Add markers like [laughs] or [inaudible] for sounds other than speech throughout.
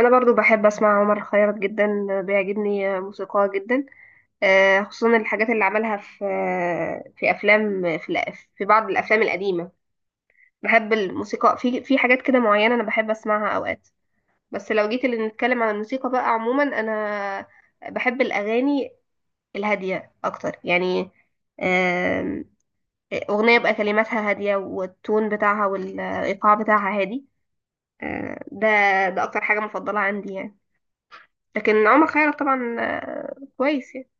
انا برضو بحب اسمع عمر خيرت جدا. بيعجبني موسيقاه جدا. خصوصا الحاجات اللي عملها في افلام في بعض الافلام القديمه. بحب الموسيقى في حاجات كده معينه، انا بحب اسمعها اوقات. بس لو جيت اللي نتكلم عن الموسيقى بقى عموما، انا بحب الاغاني الهاديه اكتر يعني. آم، اغنيه بقى كلماتها هاديه والتون بتاعها والايقاع بتاعها هادي، ده اكتر حاجه مفضله عندي يعني. لكن عمر خيرت طبعا كويس يعني.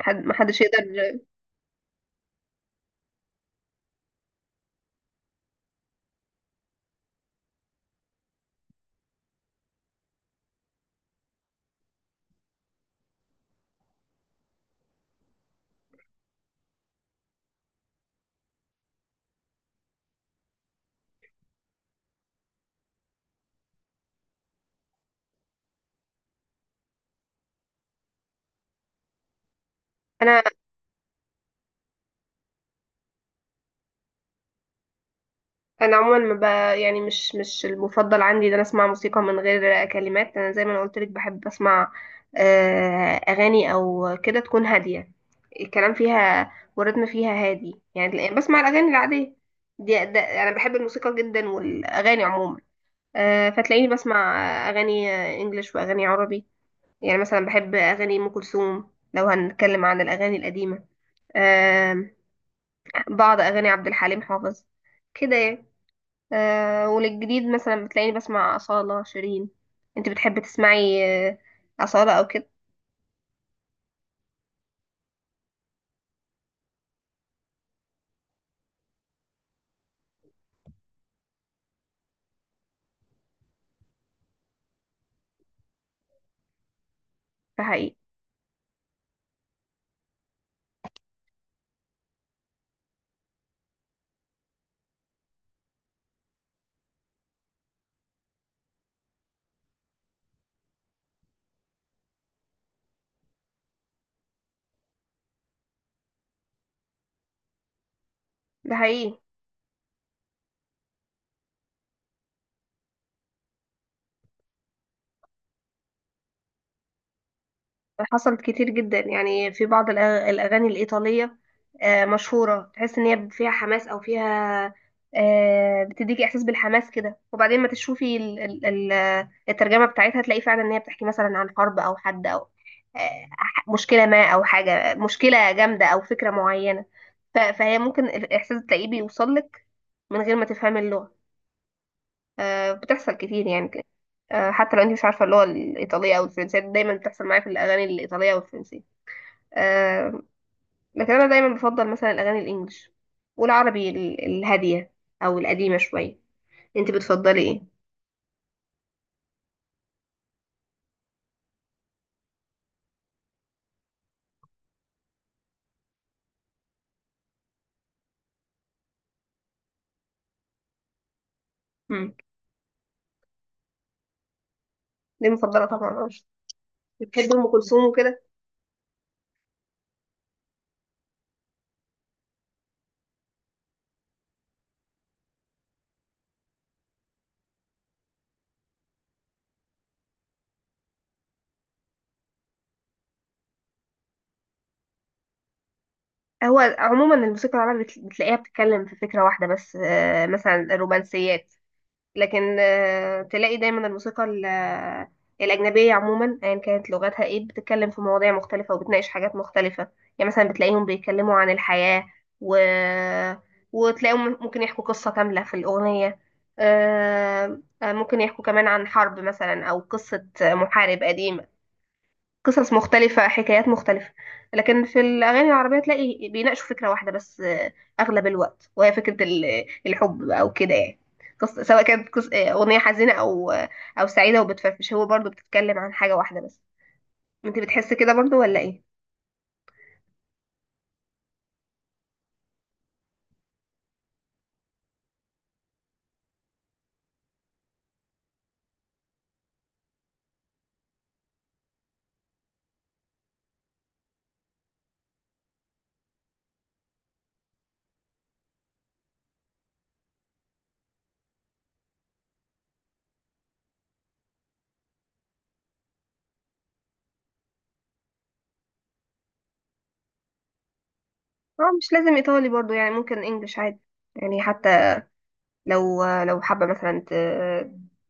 حد ما حدش يقدر. انا انا عموما ما ب... يعني مش المفضل عندي ان انا اسمع موسيقى من غير كلمات. انا زي ما انا قلت لك بحب اسمع اغاني او كده تكون هاديه، الكلام فيها والريتم فيها هادي، يعني بسمع الاغاني العاديه ده انا بحب الموسيقى جدا والاغاني عموما. فتلاقيني بسمع اغاني انجليش واغاني عربي. يعني مثلا بحب اغاني ام كلثوم لو هنتكلم عن الاغاني القديمه. آم، بعض أغاني عبد الحليم حافظ كده يعني. وللجديد مثلا بتلاقيني بسمع أصالة شيرين. انت بتحبي تسمعي أصالة أو كده؟ ده حقيقي. ده حقيقي. حصلت كتير جدا يعني في بعض الأغاني الإيطالية مشهورة، تحس إن هي فيها حماس أو فيها بتديكي إحساس بالحماس كده، وبعدين ما تشوفي الترجمة بتاعتها تلاقي فعلا إن هي بتحكي مثلا عن حرب أو حد أو مشكلة ما أو حاجة مشكلة جامدة أو فكرة معينة. فهي ممكن الإحساس تلاقيه بيوصلك من غير ما تفهمي اللغة. بتحصل كتير يعني كده. حتى لو انت مش عارفه اللغه الايطاليه او الفرنسيه، دايما بتحصل معايا في الاغاني الايطاليه والفرنسيه. آه، لكن انا دايما بفضل مثلا الاغاني الانجليش والعربي الهاديه او القديمه شويه. انت بتفضلي ايه؟ امم. دي مفضله طبعا. بتحب ام كلثوم وكده؟ هو عموما الموسيقى العربية بتلاقيها بتتكلم في فكره واحده بس، مثلا الرومانسيات. لكن تلاقي دايما الموسيقى الأجنبية عموما أيا كانت لغتها ايه بتتكلم في مواضيع مختلفة وبتناقش حاجات مختلفة. يعني مثلا بتلاقيهم بيتكلموا عن الحياة و... وتلاقيهم ممكن يحكوا قصة كاملة في الأغنية. ممكن يحكوا كمان عن حرب مثلا أو قصة محارب قديم. قصص مختلفة، حكايات مختلفة. لكن في الأغاني العربية تلاقي بيناقشوا فكرة واحدة بس أغلب الوقت، وهي فكرة الحب أو كده يعني. قصة سواء كانت أغنية حزينة أو أو سعيدة وبتفرفش، هو برضو بتتكلم عن حاجة واحدة بس. أنت بتحس كده برضو ولا إيه؟ اه، مش لازم إيطالي برضو. يعني ممكن إنجلش عادي. يعني حتى لو حابة مثلا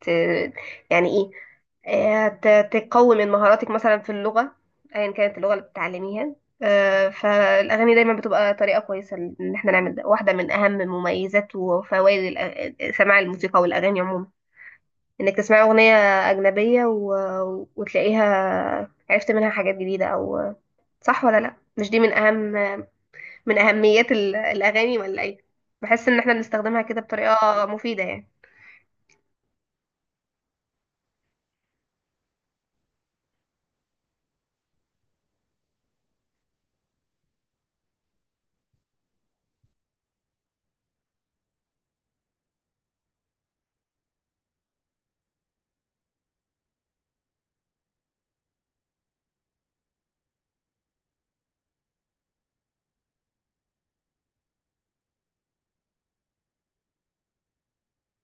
ت... يعني ايه، تقوي من مهاراتك مثلا في اللغة، ايا كانت اللغة اللي بتتعلميها. فالأغاني دايما بتبقى طريقة كويسة إن احنا نعمل ده. واحدة من أهم مميزات وفوائد سماع الموسيقى والأغاني عموما إنك تسمعي أغنية أجنبية وتلاقيها عرفت منها حاجات جديدة أو صح ولا لأ. مش دي من أهم من أهميات الأغاني ولا إيه؟ بحس إن احنا بنستخدمها كده بطريقة مفيدة يعني.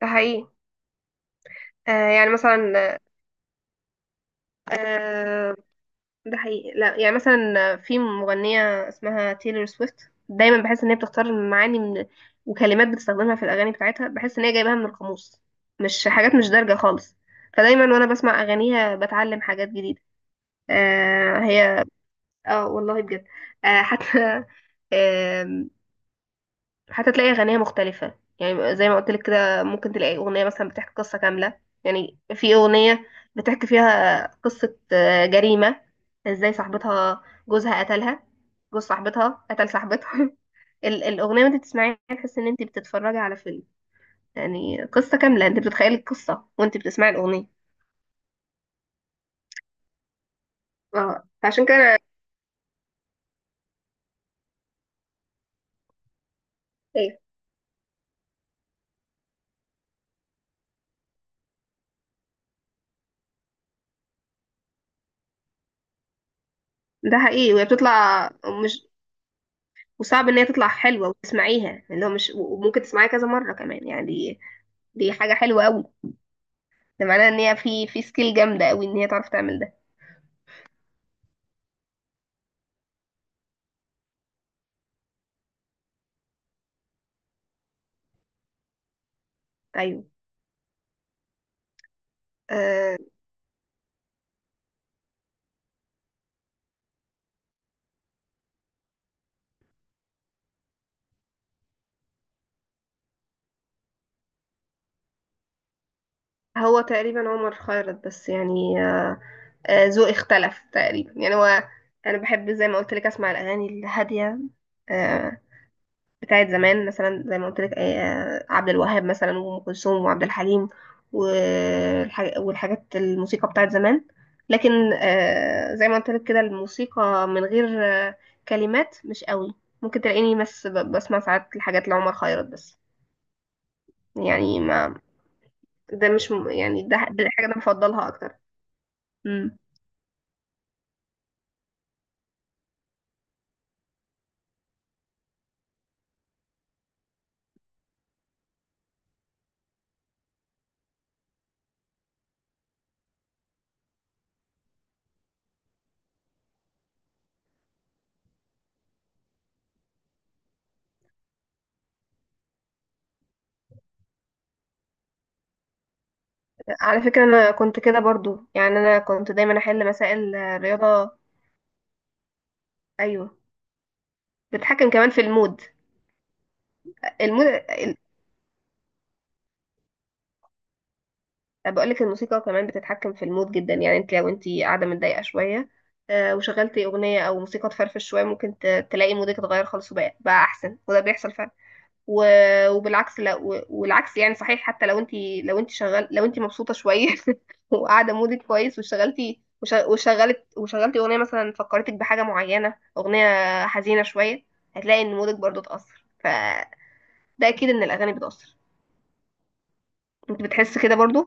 ده حقيقي. يعني مثلا. آه ده حقيقي. لا، يعني مثلا في مغنية اسمها تايلور سويفت، دايما بحس ان هي بتختار معاني من وكلمات بتستخدمها في الاغاني بتاعتها، بحس ان هي جايباها من القاموس، مش حاجات مش دارجة خالص. فدايما وانا بسمع اغانيها بتعلم حاجات جديدة. هي. اه والله بجد. آه حتى حتى تلاقي أغنية مختلفة، يعني زي ما قلت لك كده ممكن تلاقي أغنية مثلا بتحكي قصة كاملة. يعني في أغنية بتحكي فيها قصة جريمة، ازاي صاحبتها جوزها قتلها. جوز صاحبتها قتل صاحبتها [laughs] الأغنية وانت بتسمعيها تحس ان انت بتتفرجي على فيلم. يعني قصة كاملة، انت بتتخيلي القصة وانت بتسمعي الأغنية. اه، فعشان كده ايه. ده حقيقي وهي بتطلع مش، وصعب ان هي تطلع حلوة وتسمعيها يعني، اللي هو مش، وممكن تسمعيها كذا مرة كمان يعني. دي دي حاجة حلوة قوي. ده معناه ان هي في سكيل جامده قوي ان هي تعرف تعمل ده. ايوه. آه هو تقريبا عمر خيرت بس يعني ذوقي اختلف تقريبا، يعني هو انا بحب زي ما قلت لك اسمع الاغاني الهاديه آه بتاعت زمان، مثلا زي ما قلت لك عبد الوهاب مثلا وام كلثوم وعبد الحليم والحاجات الموسيقى بتاعت زمان. لكن زي ما قلت لك كده الموسيقى من غير كلمات مش قوي. ممكن تلاقيني بس بسمع ساعات الحاجات لعمر خيرت بس، يعني ما. ده مش يعني ده الحاجة أنا بفضلها أكتر. امم. على فكرة أنا كنت كده برضو. يعني أنا كنت دايما أحل مسائل رياضة. أيوه. بتتحكم كمان في المود. المود بقولك الموسيقى كمان بتتحكم في المود جدا. يعني أنت لو أنت قاعدة متضايقة شوية، وشغلتي أغنية أو موسيقى تفرفش شوية، ممكن تلاقي مودك اتغير خالص، وبقى أحسن، وده بيحصل فعلا. وبالعكس. لا، والعكس يعني صحيح. حتى لو أنت، لو أنت شغال، لو أنت مبسوطة شوية [laughs] وقاعده مودك كويس واشتغلتي وشغلتي اغنيه مثلا، فكرتك بحاجه معينه، اغنيه حزينه شويه، هتلاقي ان مودك برضو اتاثر. فده اكيد ان الاغاني بتاثر. انت بتحس كده برضو؟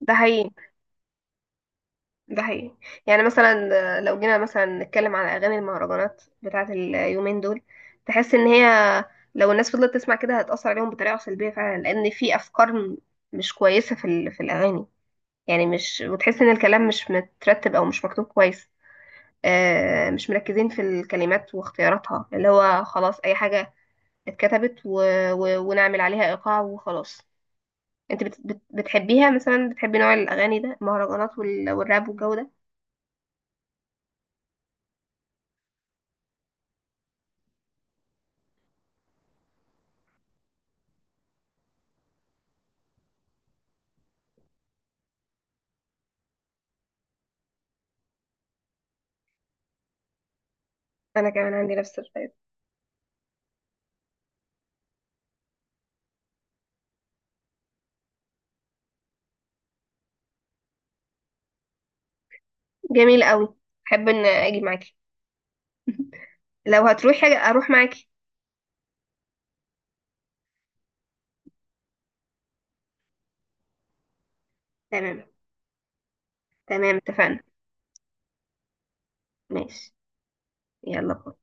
ده حقيقي. ده حقيقي. يعني مثلا لو جينا مثلا نتكلم على اغاني المهرجانات بتاعه اليومين دول، تحس ان هي لو الناس فضلت تسمع كده هتاثر عليهم بطريقه سلبيه فعلا، لان في افكار مش كويسه في الاغاني. يعني مش، وتحس ان الكلام مش مترتب او مش مكتوب كويس. مش مركزين في الكلمات واختياراتها، اللي هو خلاص اي حاجة اتكتبت ونعمل عليها ايقاع وخلاص. انت بتحبيها مثلا، بتحبي نوع الاغاني ده، المهرجانات والراب والجو ده؟ انا كمان عندي نفس الرأي. جميل قوي. احب ان اجي معاكي. [laughs] لو هتروحي اروح معاكي. تمام. تمام اتفقنا. ماشي. يلا باي.